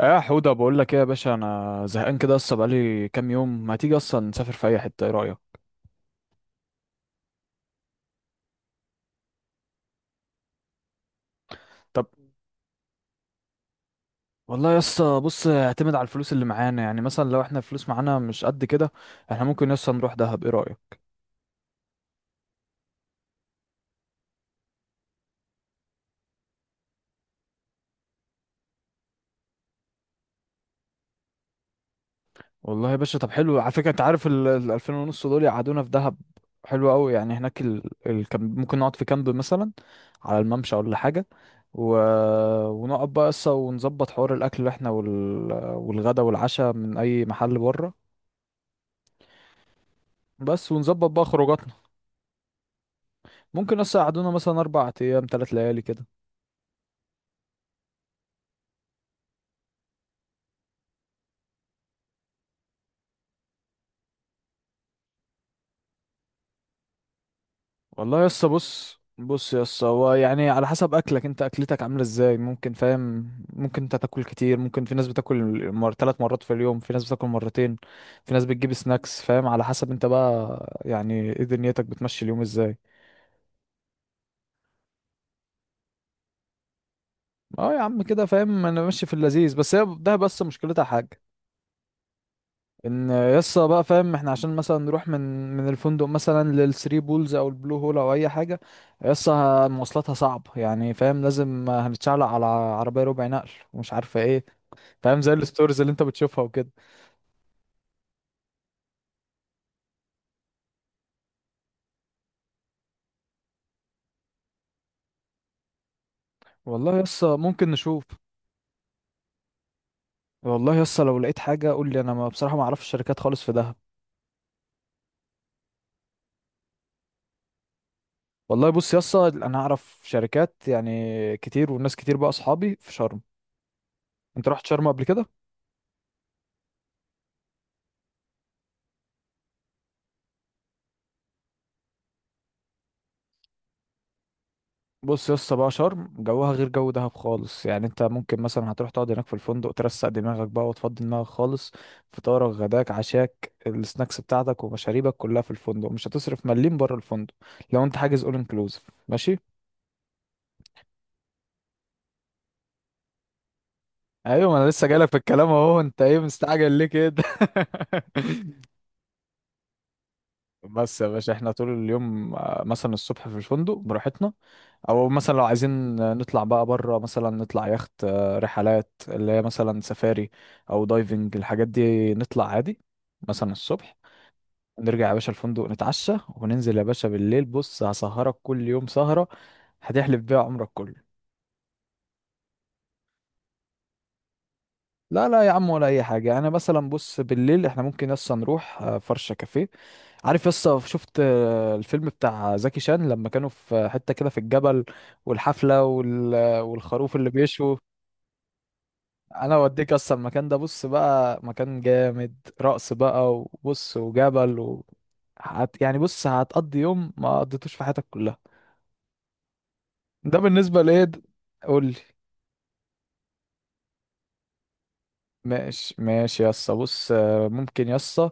يا حودة، بقول لك ايه يا باشا؟ انا زهقان كده، اصلا بقالي كام يوم ما تيجي. اصلا نسافر في اي حتة، ايه رأيك؟ طب. والله يا اسطى بص، اعتمد على الفلوس اللي معانا. يعني مثلا لو احنا الفلوس معانا مش قد كده، احنا ممكن يا اسطى نروح دهب، ايه رأيك؟ والله يا باشا طب حلو. على فكرة انت عارف ال 2000 ونص دول يقعدونا في دهب. حلو قوي. يعني هناك ممكن نقعد في كامب مثلا على الممشى ولا حاجة. و... ونقعد بقى قصة، ونظبط حوار الأكل احنا والغدا والعشاء من أي محل بره. بس ونظبط بقى خروجاتنا. ممكن يس يقعدونا مثلا اربع ايام ثلاث ليالي كده. والله يس بص بص يس، هو يعني على حسب اكلك انت، اكلتك عامله ازاي، ممكن فاهم، ممكن انت تاكل كتير، ممكن في ناس بتاكل ثلاث مرات في اليوم، في ناس بتاكل مرتين، في ناس بتجيب سناكس، فاهم؟ على حسب انت بقى يعني ايه دنيتك بتمشي اليوم ازاي. اه يا عم كده فاهم، انا ماشي في اللذيذ، بس هي ده بس مشكلتها حاجه. ان يسا بقى فاهم احنا عشان مثلا نروح من الفندق مثلا للثري بولز او البلو هول او اي حاجه، يسا مواصلاتها صعب يعني. فاهم لازم هنتشعلق على عربيه ربع نقل ومش عارفه ايه، فاهم زي الستوريز اللي انت بتشوفها وكده. والله يسا ممكن نشوف. والله يسا لو لقيت حاجه قول لي، انا ما بصراحه ما اعرفش شركات خالص في دهب. والله بص يسا، انا اعرف شركات يعني كتير، والناس كتير بقى اصحابي في شرم. انت رحت شرم قبل كده؟ بص يا اسطى بقى، شرم جوها غير جو دهب خالص. يعني انت ممكن مثلا هتروح تقعد هناك في الفندق، ترسق دماغك بقى وتفضي دماغك خالص. فطارك، غداك، عشاك، السناكس بتاعتك ومشاريبك كلها في الفندق، مش هتصرف مليم بره الفندق لو انت حاجز اول انكلوزيف. ماشي. ايوه ما انا لسه جايلك في الكلام اهو، انت ايه مستعجل ليه كده؟ بس يا باشا، احنا طول اليوم مثلا الصبح في الفندق براحتنا. او مثلا لو عايزين نطلع بقى بره، مثلا نطلع يخت رحلات اللي هي مثلا سفاري، او دايفنج، الحاجات دي نطلع عادي مثلا الصبح. نرجع يا باشا الفندق نتعشى، وننزل يا باشا بالليل. بص هسهرك كل يوم سهرة هتحلف بيها عمرك كله. لا لا يا عم، ولا اي حاجه. انا مثلا بص بالليل احنا ممكن يسا نروح فرشه كافيه. عارف يسا، شفت الفيلم بتاع زكي شان لما كانوا في حته كده في الجبل، والحفله والخروف اللي بيشوا؟ انا اوديك اصلا المكان ده، بص بقى مكان جامد. رقص بقى وبص وجبل يعني بص، هتقضي يوم ما قضيتوش في حياتك كلها. ده بالنسبه لايه. قول. ماشي ماشي يسا، بص ممكن يسا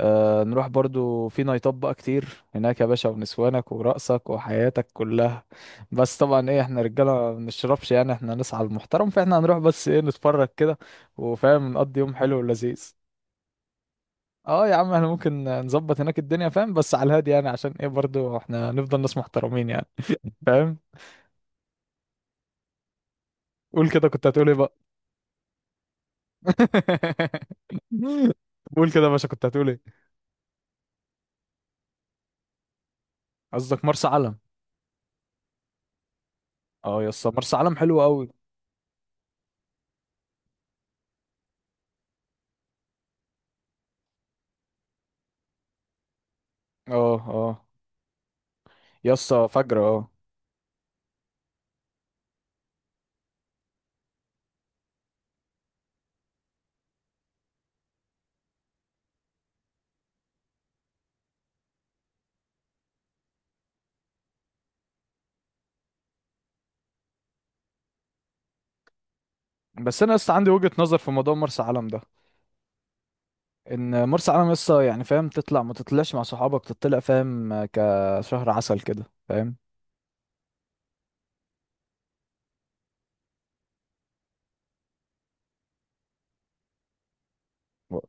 نروح برضو في نايتات بقى كتير هناك يا باشا، ونسوانك ورقصك وحياتك كلها. بس طبعا ايه، احنا رجاله ما بنشربش يعني، احنا نسعى المحترم، فاحنا هنروح بس ايه نتفرج كده. وفاهم نقضي يوم حلو ولذيذ. اه يا عم احنا ممكن نظبط هناك الدنيا فاهم، بس على الهادي يعني. عشان ايه برضو احنا نفضل ناس محترمين يعني. فاهم. قول كده كنت هتقول ايه بقى. قول كده يا باشا، كنت هتقول ايه؟ قصدك مرسى علم. اه يا اسطى، مرسى علم حلو قوي. اه اه. يا اسطى فجر اه. بس انا يا اسطى عندي وجهة نظر في موضوع مرسى علم ده. ان مرسى علم يا اسطى يعني فاهم تطلع ما تطلعش مع صحابك، تطلع فاهم كشهر عسل كده، فاهم. و-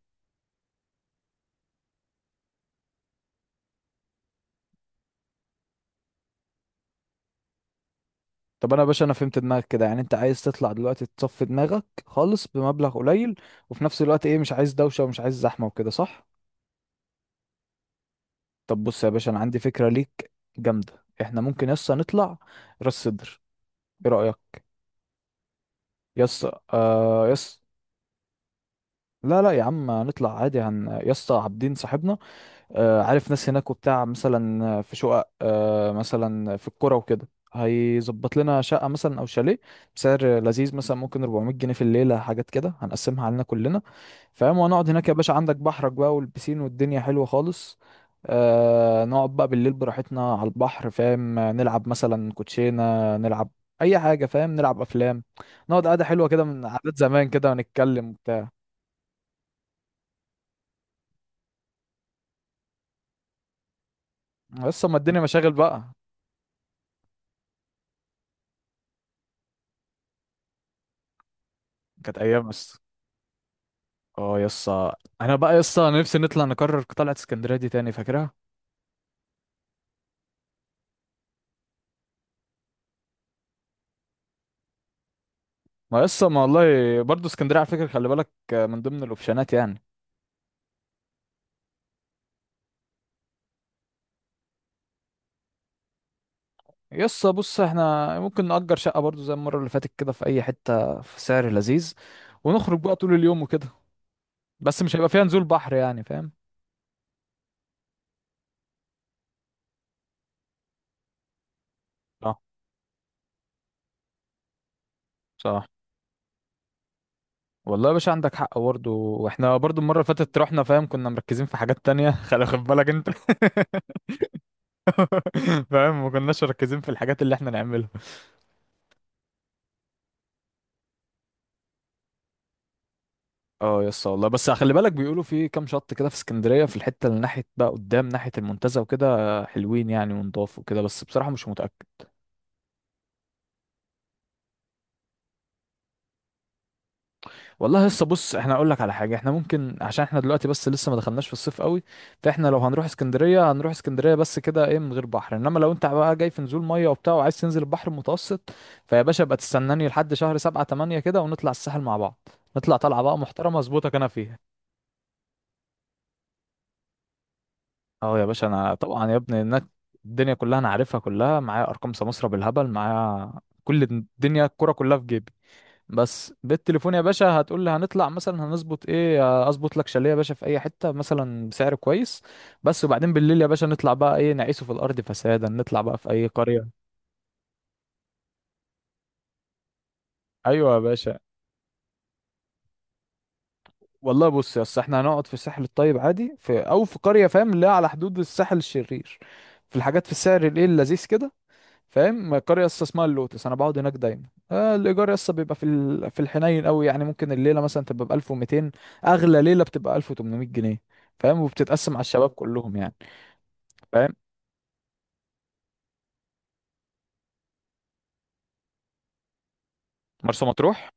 طب انا يا باشا انا فهمت دماغك كده، يعني انت عايز تطلع دلوقتي تصفي دماغك خالص بمبلغ قليل. وفي نفس الوقت ايه، مش عايز دوشة ومش عايز زحمة وكده، صح؟ طب بص يا باشا انا عندي فكرة ليك جامدة. احنا ممكن يا اسطى نطلع راس سدر، ايه رأيك؟ يس، آه يس. لا لا يا عم، نطلع عادي. هن يا اسطى عابدين صاحبنا، آه عارف ناس هناك وبتاع، مثلا في شقق آه مثلا في القرى وكده، هيظبط لنا شقة مثلا أو شاليه بسعر لذيذ، مثلا ممكن 400 جنيه في الليلة، حاجات كده هنقسمها علينا كلنا فاهم. وهنقعد هناك يا باشا، عندك بحرك بقى والبسين، والدنيا حلوة خالص. آه نقعد بقى بالليل براحتنا على البحر، فاهم نلعب مثلا كوتشينة، نلعب أي حاجة فاهم، نلعب أفلام، نقعد قعدة حلوة كده من عادات زمان كده، ونتكلم وبتاع. يس ما الدنيا مشاغل بقى. كانت ايام يس. اه يس. انا بقى يس نفسي نطلع، نكرر طلعت اسكندريه دي تاني، فاكرها. ما يس ما والله. برضه اسكندريه على فكره، خلي بالك، من ضمن الاوبشنات يعني. يس بص احنا ممكن نأجر شقه برضه زي المره اللي فاتت كده في اي حته في سعر لذيذ. ونخرج بقى طول اليوم وكده. بس مش هيبقى فيها نزول بحر يعني فاهم. صح صح. والله يا باشا عندك حق برضه، واحنا برضه المره اللي فاتت رحنا فاهم كنا مركزين في حاجات تانية خلي خد بالك انت. فاهم ما كناش مركزين في الحاجات اللي احنا نعملها. اه يا اسطى والله. بس خلي بالك بيقولوا في كام شط كده في اسكندريه في الحته اللي ناحيه بقى قدام ناحيه المنتزه وكده، حلوين يعني ونضاف وكده، بس بصراحه مش متاكد. والله يا اسطى بص، احنا اقول لك على حاجه. احنا ممكن عشان احنا دلوقتي بس لسه ما دخلناش في الصيف قوي، فاحنا لو هنروح اسكندريه هنروح اسكندريه بس كده ايه من غير بحر. انما لو انت بقى جاي في نزول ميه وبتاع وعايز تنزل البحر المتوسط، فيا باشا ابقى تستناني لحد شهر سبعة تمانية كده، ونطلع الساحل مع بعض. نطلع طلعه بقى محترمه، اظبطك انا فيها. اه يا باشا انا طبعا يا ابني هناك الدنيا كلها انا عارفها كلها. معايا ارقام سمسرة بالهبل معايا، كل الدنيا الكرة كلها في جيبي. بس بالتليفون يا باشا هتقول لي هنطلع مثلا هنظبط ايه، اظبط لك شاليه يا باشا في اي حتة مثلا بسعر كويس بس. وبعدين بالليل يا باشا نطلع بقى ايه نعيشه في الارض فسادا، نطلع بقى في اي قرية. ايوه يا باشا. والله بص يا اسطى، احنا هنقعد في الساحل الطيب عادي، في او في قرية فاهم اللي هي على حدود الساحل الشرير، في الحاجات في السعر الايه اللذيذ كده. فاهم القريه لسه اسمها اللوتس، انا بقعد هناك دايما. آه الايجار لسه بيبقى في في الحنين قوي. يعني ممكن الليله مثلا تبقى ب 1200، اغلى ليله بتبقى 1800 جنيه. فاهم وبتتقسم على الشباب كلهم يعني. فاهم. مرسى مطروح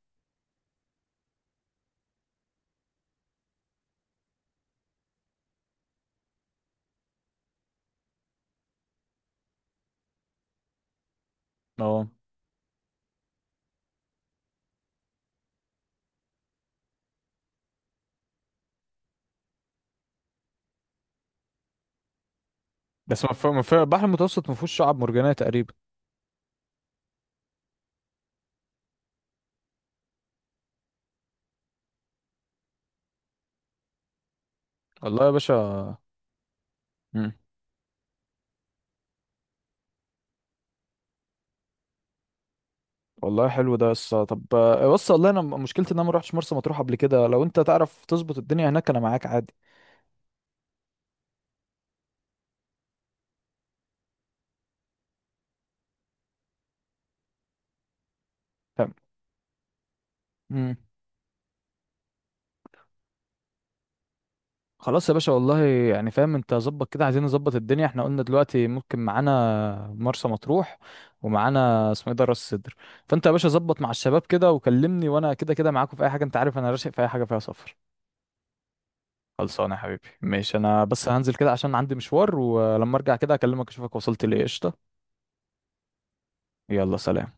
اه. بس ما في... ما في... البحر المتوسط ما فيهوش شعاب مرجانيه تقريبا. والله يا باشا. مم. والله حلو ده يسا. طب بص والله انا مشكلتي ان انا ما روحتش مرسى مطروح قبل كده. لو انت تعرف تظبط الدنيا هناك انا معاك عادي. فاهم. مم. خلاص يا باشا والله، يعني فاهم انت ظبط كده، عايزين نظبط الدنيا احنا قلنا دلوقتي ممكن معانا مرسى مطروح ومعانا اسمه ايه ده راس سدر. فانت يا باشا ظبط مع الشباب كده وكلمني، وانا كده كده معاكم في اي حاجه، انت عارف انا راشق في اي حاجه فيها سفر. خلصانه يا حبيبي ماشي. انا بس هننزل كده عشان عندي مشوار، ولما ارجع كده اكلمك اشوفك وصلت ليه قشطه. يلا سلام.